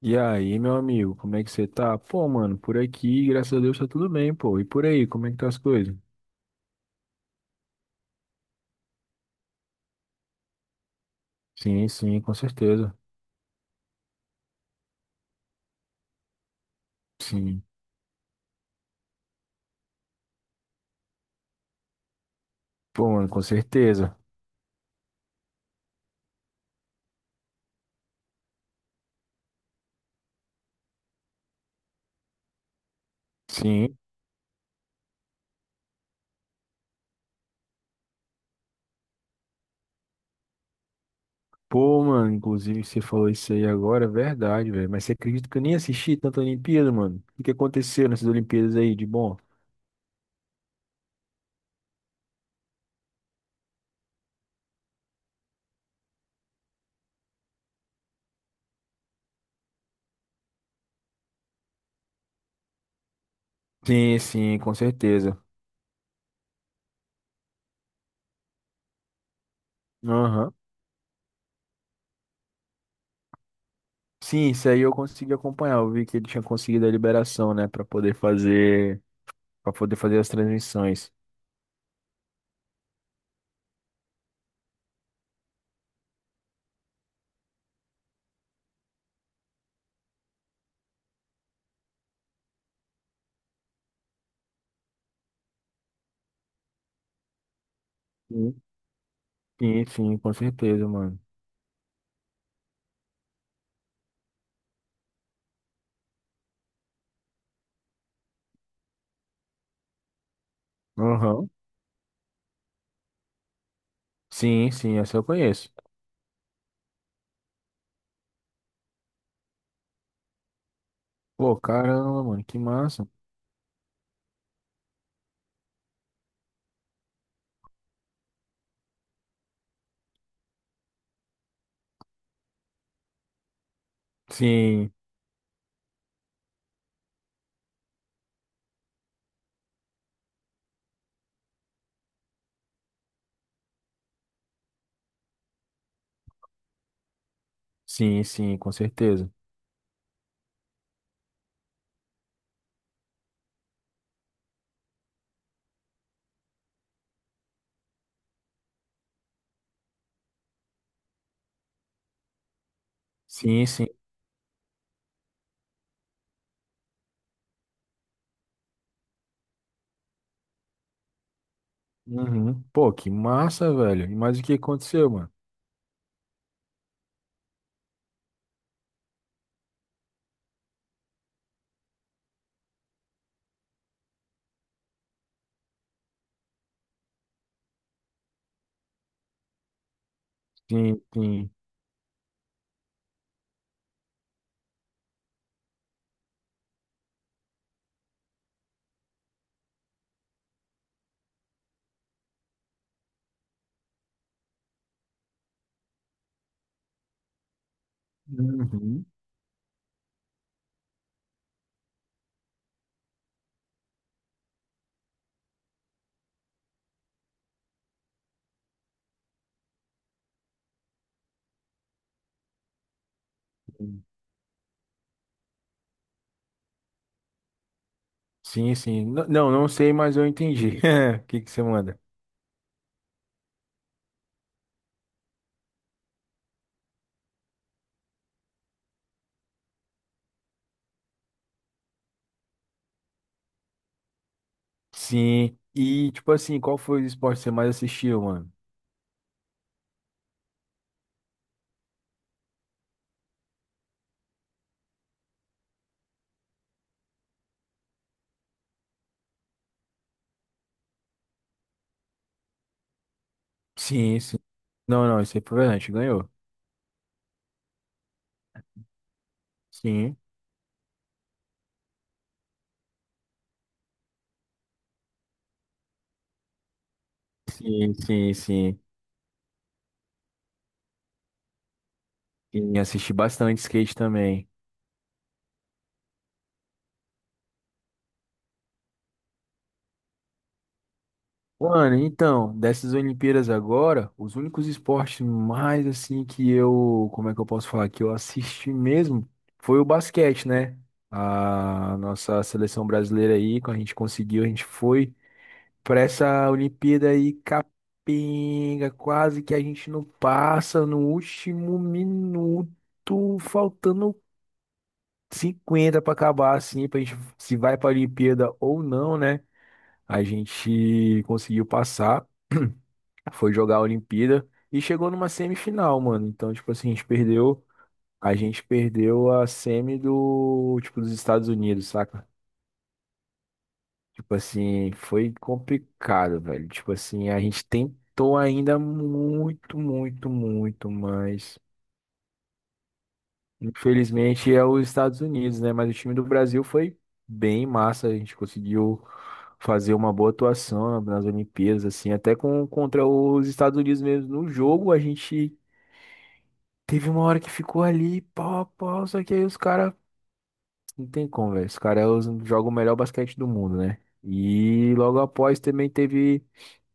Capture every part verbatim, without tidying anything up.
E aí, meu amigo, como é que você tá? Pô, mano, por aqui, graças a Deus, tá tudo bem, pô. E por aí, como é que tá as coisas? Sim, sim, com certeza. Sim. Pô, mano, com certeza. Sim. Pô, mano, inclusive você falou isso aí agora, é verdade, velho. Mas você acredita que eu nem assisti tanta Olimpíada, mano? O que aconteceu nessas Olimpíadas aí de bom? Sim, sim, com certeza. Aham. Sim, isso aí eu consegui acompanhar. Eu vi que ele tinha conseguido a liberação, né, pra poder fazer, para poder fazer as transmissões. Sim, sim, com certeza, mano. Aham. Sim, sim, essa eu conheço. Pô, caramba, mano, que massa. Sim, sim, sim, com certeza. Sim, sim. Uhum. Pô, que massa, velho. E mais o que aconteceu, mano? Sim, sim. Uhum. Sim, sim. N- Não, não sei, mas eu entendi. O que que você manda? Sim. E, tipo assim, qual foi o esporte que você mais assistiu, mano? Sim, sim. Não, não, isso é verdade, ganhou. Sim. Sim, sim, sim. E assisti bastante skate também. Mano, então, dessas Olimpíadas agora, os únicos esportes mais assim que eu, como é que eu posso falar, que eu assisti mesmo, foi o basquete, né? A nossa seleção brasileira aí, quando a gente conseguiu, a gente foi para essa Olimpíada aí capenga, quase que a gente não passa no último minuto, faltando cinquenta para acabar assim, pra gente se vai para Olimpíada ou não, né? A gente conseguiu passar, foi jogar a Olimpíada e chegou numa semifinal, mano. Então, tipo assim, a gente perdeu, a gente perdeu a semi do, tipo, dos Estados Unidos, saca? Tipo assim, foi complicado, velho. Tipo assim, a gente tentou ainda muito, muito, muito, mas infelizmente é os Estados Unidos, né? Mas o time do Brasil foi bem massa. A gente conseguiu fazer uma boa atuação nas Olimpíadas, assim, até com, contra os Estados Unidos mesmo. No jogo, a gente teve uma hora que ficou ali, pau, a pau, só que aí os caras. Não tem como, velho. Os caras jogam o melhor basquete do mundo, né? E logo após também teve.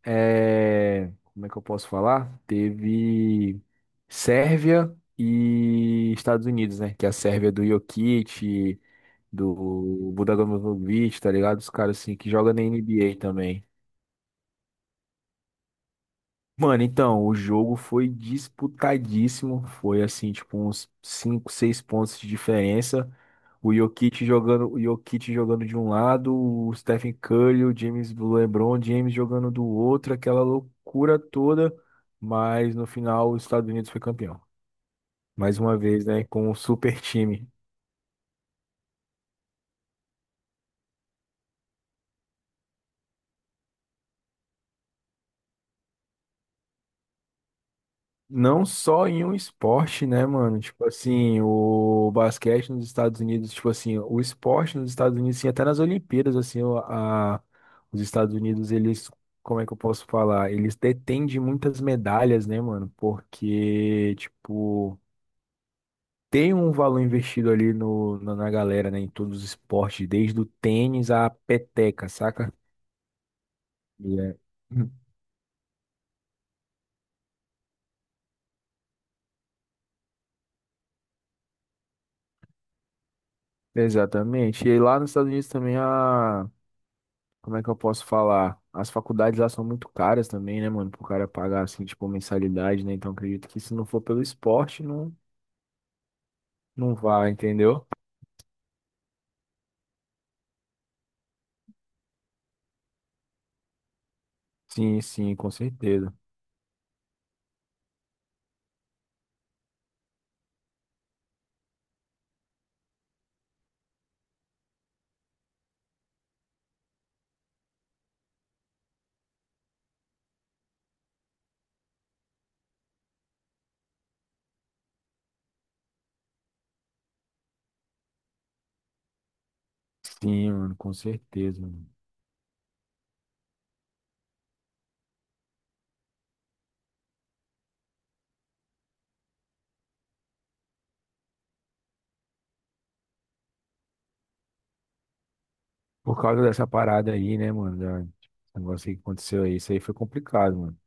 É, como é que eu posso falar? Teve Sérvia e Estados Unidos, né? Que é a Sérvia do Jokic, do Budagan Bogdanovic, tá ligado? Os caras assim que jogam na N B A também. Mano, então, o jogo foi disputadíssimo. Foi assim, tipo, uns cinco, seis pontos de diferença. O Jokic jogando, o Jokic jogando de um lado, o Stephen Curry, o James, o LeBron James jogando do outro, aquela loucura toda. Mas no final, os Estados Unidos foi campeão. Mais uma vez, né? Com um super time. Não só em um esporte, né, mano? Tipo assim, o basquete nos Estados Unidos, tipo assim, o esporte nos Estados Unidos, sim, até nas Olimpíadas, assim, o- a, os Estados Unidos, eles, como é que eu posso falar? Eles detêm de muitas medalhas, né, mano? Porque, tipo, tem um valor investido ali no, na, na galera, né, em todos os esportes, desde o tênis à peteca, saca? E é- Exatamente. E lá nos Estados Unidos também a como é que eu posso falar? As faculdades lá são muito caras também, né, mano? Pro cara pagar, assim, tipo, mensalidade, né? Então, acredito que se não for pelo esporte, não, não vai, entendeu? Sim, sim, com certeza. Sim, mano, com certeza, mano. Por causa dessa parada aí, né, mano? da- Esse negócio aí que aconteceu aí, isso aí foi complicado, mano.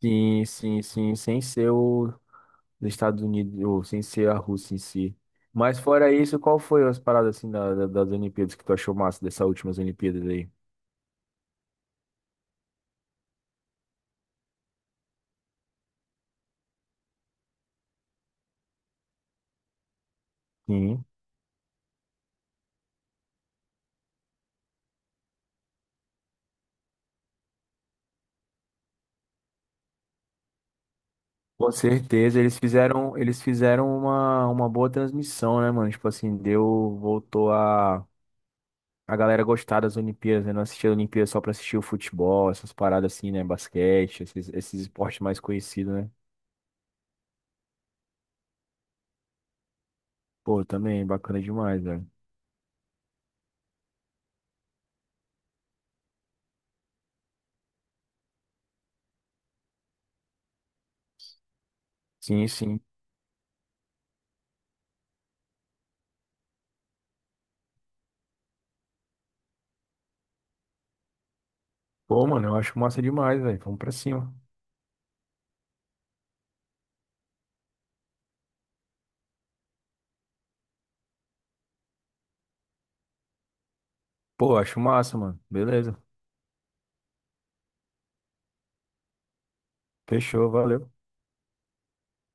Sim, sim, sim, sem ser os Estados Unidos, ou sem ser a Rússia em si. Mas fora isso, qual foi as paradas, assim, da- da- das Olimpíadas que tu achou massa, dessas últimas Olimpíadas aí? Sim. Com certeza, eles fizeram, eles fizeram uma, uma boa transmissão, né, mano? Tipo assim, deu, voltou a, a galera gostar das Olimpíadas, né? Não assistia a Olimpíada só pra assistir o futebol, essas paradas assim, né? Basquete, esses, esses esportes mais conhecidos, né? Pô, também, bacana demais, velho. Sim, sim. Pô, mano, eu acho massa demais, velho. Vamos pra cima. Pô, acho massa, mano. Beleza. Fechou, valeu.